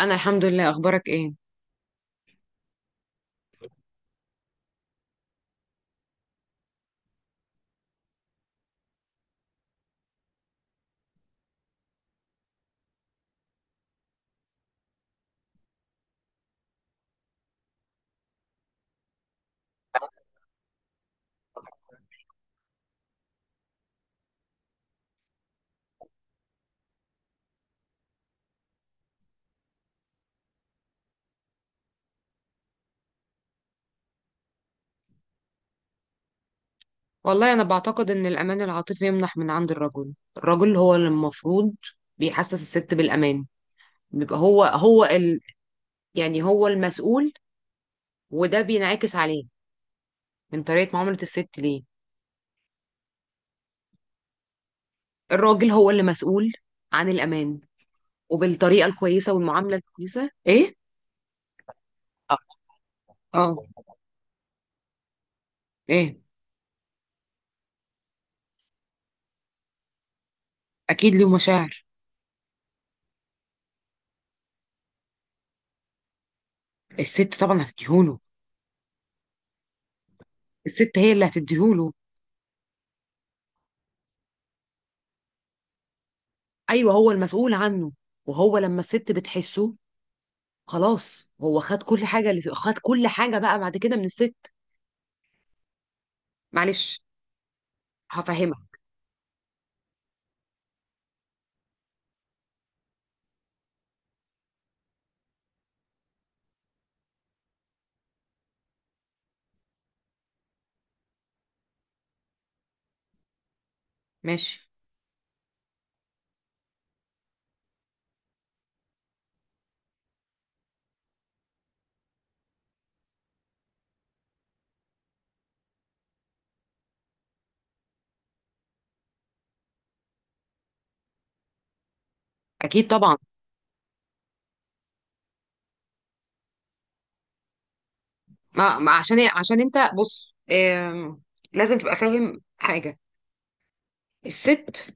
أنا الحمد لله. أخبارك إيه؟ والله أنا بعتقد إن الأمان العاطفي يمنح من عند الرجل هو اللي المفروض بيحسس الست بالأمان، بيبقى هو. يعني هو المسؤول، وده بينعكس عليه من طريقة معاملة الست ليه. الراجل هو اللي مسؤول عن الأمان، وبالطريقة الكويسة والمعاملة الكويسة، إيه؟ آه آه، إيه؟ أكيد له مشاعر. الست طبعا هتديهوله. الست هي اللي هتديهوله. أيوه، هو المسؤول عنه، وهو لما الست بتحسه خلاص هو خد كل حاجة، اللي خد كل حاجة بقى بعد كده من الست. معلش. هفهمك. ماشي. اكيد طبعا. ما عشان إيه؟ عشان انت بص، لازم تبقى فاهم حاجه. الست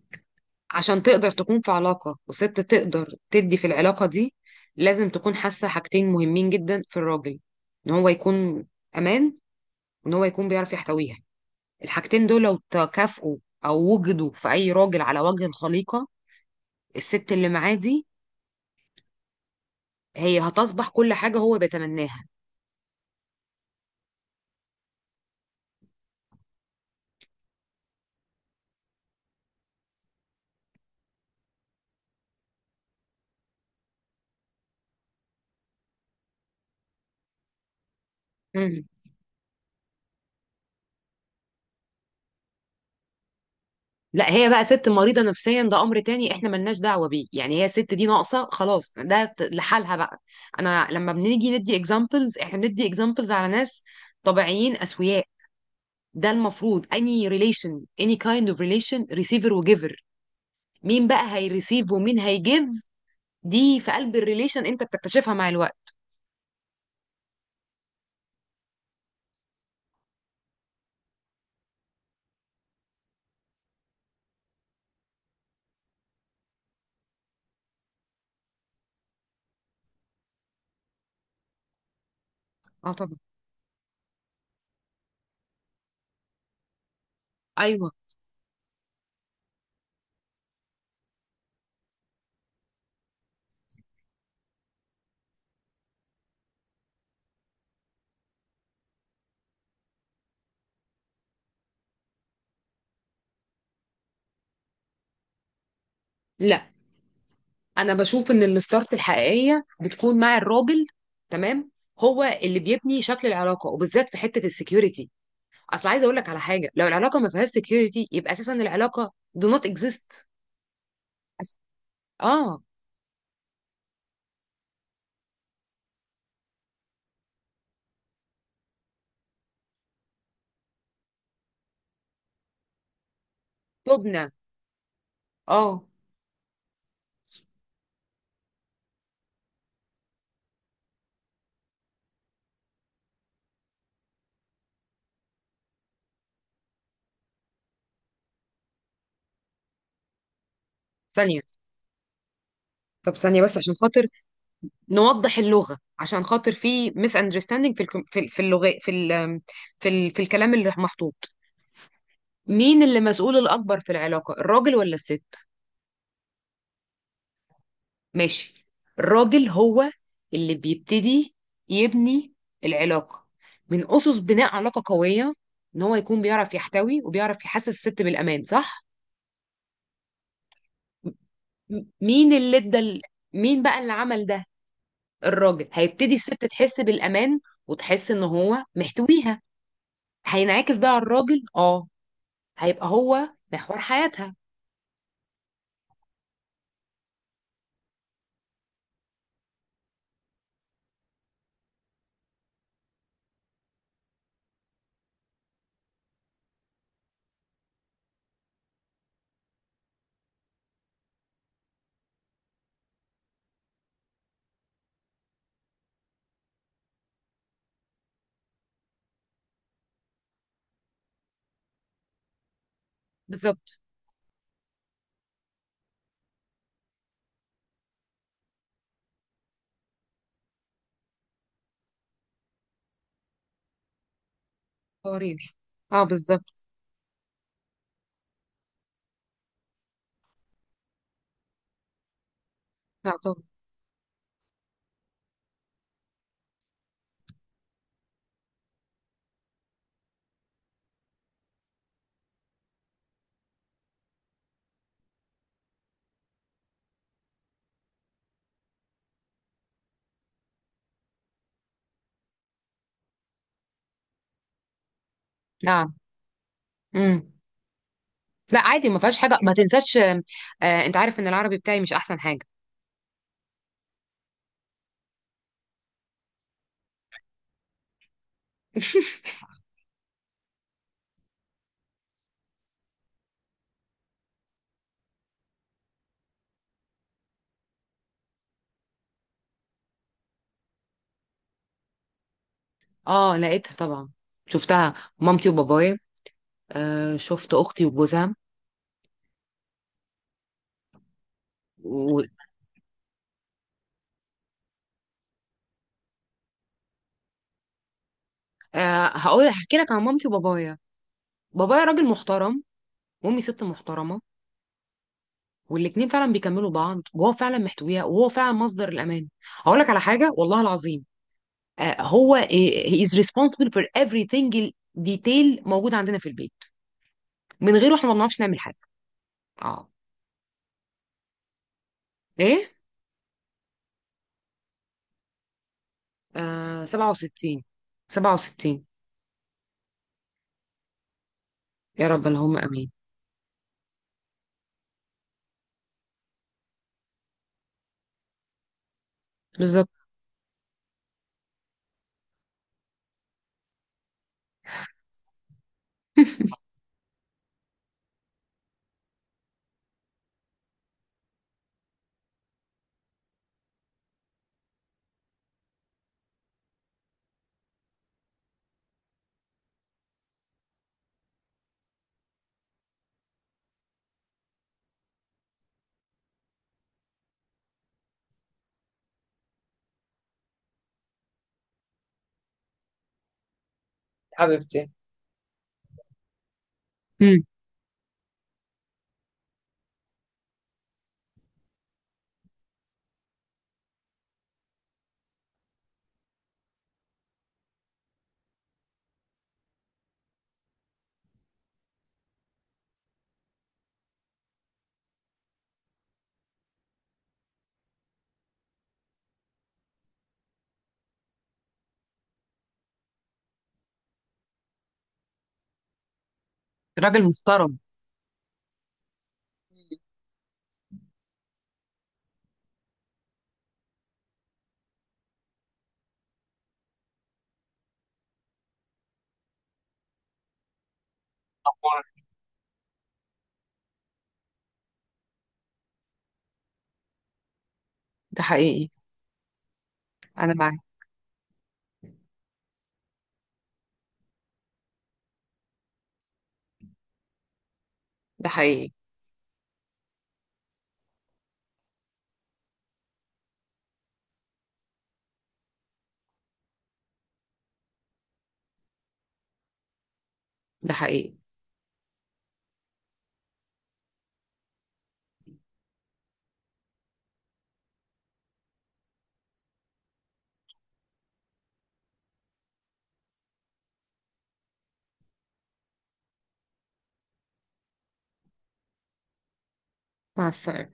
عشان تقدر تكون في علاقه، وست تقدر تدي في العلاقه دي، لازم تكون حاسه حاجتين مهمين جدا في الراجل: ان هو يكون امان، وان هو يكون بيعرف يحتويها. الحاجتين دول لو تكافئوا او وجدوا في اي راجل على وجه الخليقه، الست اللي معاه دي هي هتصبح كل حاجة هو بيتمناها. مم. لا، هي بقى ست مريضة نفسيا، ده أمر تاني، إحنا ملناش دعوة بيه، يعني هي الست دي ناقصة خلاص، ده لحالها بقى. أنا لما بنيجي ندي examples، إحنا بندي examples على ناس طبيعيين أسوياء. ده المفروض any relation، any kind of relation، receiver وgiver. مين بقى هيريسيف ومين هيجيف؟ دي في قلب الريليشن، أنت بتكتشفها مع الوقت. اه طبعا. ايوه. لا، انا بشوف ان الستارت الحقيقيه بتكون مع الراجل، تمام، هو اللي بيبني شكل العلاقه، وبالذات في حته السكيورتي. اصل عايزه اقول لك على حاجه، لو العلاقه ما فيهاش سكيورتي يبقى اساسا العلاقه do not exist. أس... اه. تبنى. اه. ثانيه. طب ثانيه بس، عشان خاطر نوضح اللغه، عشان خاطر في ميس اندرستاندينج في اللغه، في الكلام اللي محطوط. مين اللي مسؤول الاكبر في العلاقه، الراجل ولا الست؟ ماشي. الراجل هو اللي بيبتدي يبني العلاقة من أسس بناء علاقة قوية، إن هو يكون بيعرف يحتوي وبيعرف يحسس الست بالأمان، صح؟ مين اللي مين بقى اللي عمل ده؟ الراجل هيبتدي الست تحس بالأمان، وتحس إن هو محتويها. هينعكس ده على الراجل، هيبقى هو محور حياتها. بالظبط. قرير. اه، بالظبط. لا طبعا. نعم. امم لا عادي، ما فيهاش حاجه، ما تنساش. انت عارف ان العربي بتاعي مش احسن حاجه. اه، لقيتها طبعا. شفتها مامتي وبابايا. شفت اختي وجوزها. و... آه هقول هحكي لك عن مامتي وبابايا. بابايا راجل محترم، وامي ست محترمه، والاتنين فعلا بيكملوا بعض، وهو فعلا محتويها، وهو فعلا مصدر الامان. هقول لك على حاجه والله العظيم. آه هو آه، he is responsible for everything. detail موجود عندنا في البيت، من غيره احنا ما بنعرفش نعمل حاجه. اه. ايه. آه، 67. 67. يا رب، اللهم امين. بالظبط. حبيبتي. مم. راجل محترم. أخبارك؟ ده حقيقي. انا معاك. ده حقيقي. ده حقيقي. مع السلامة.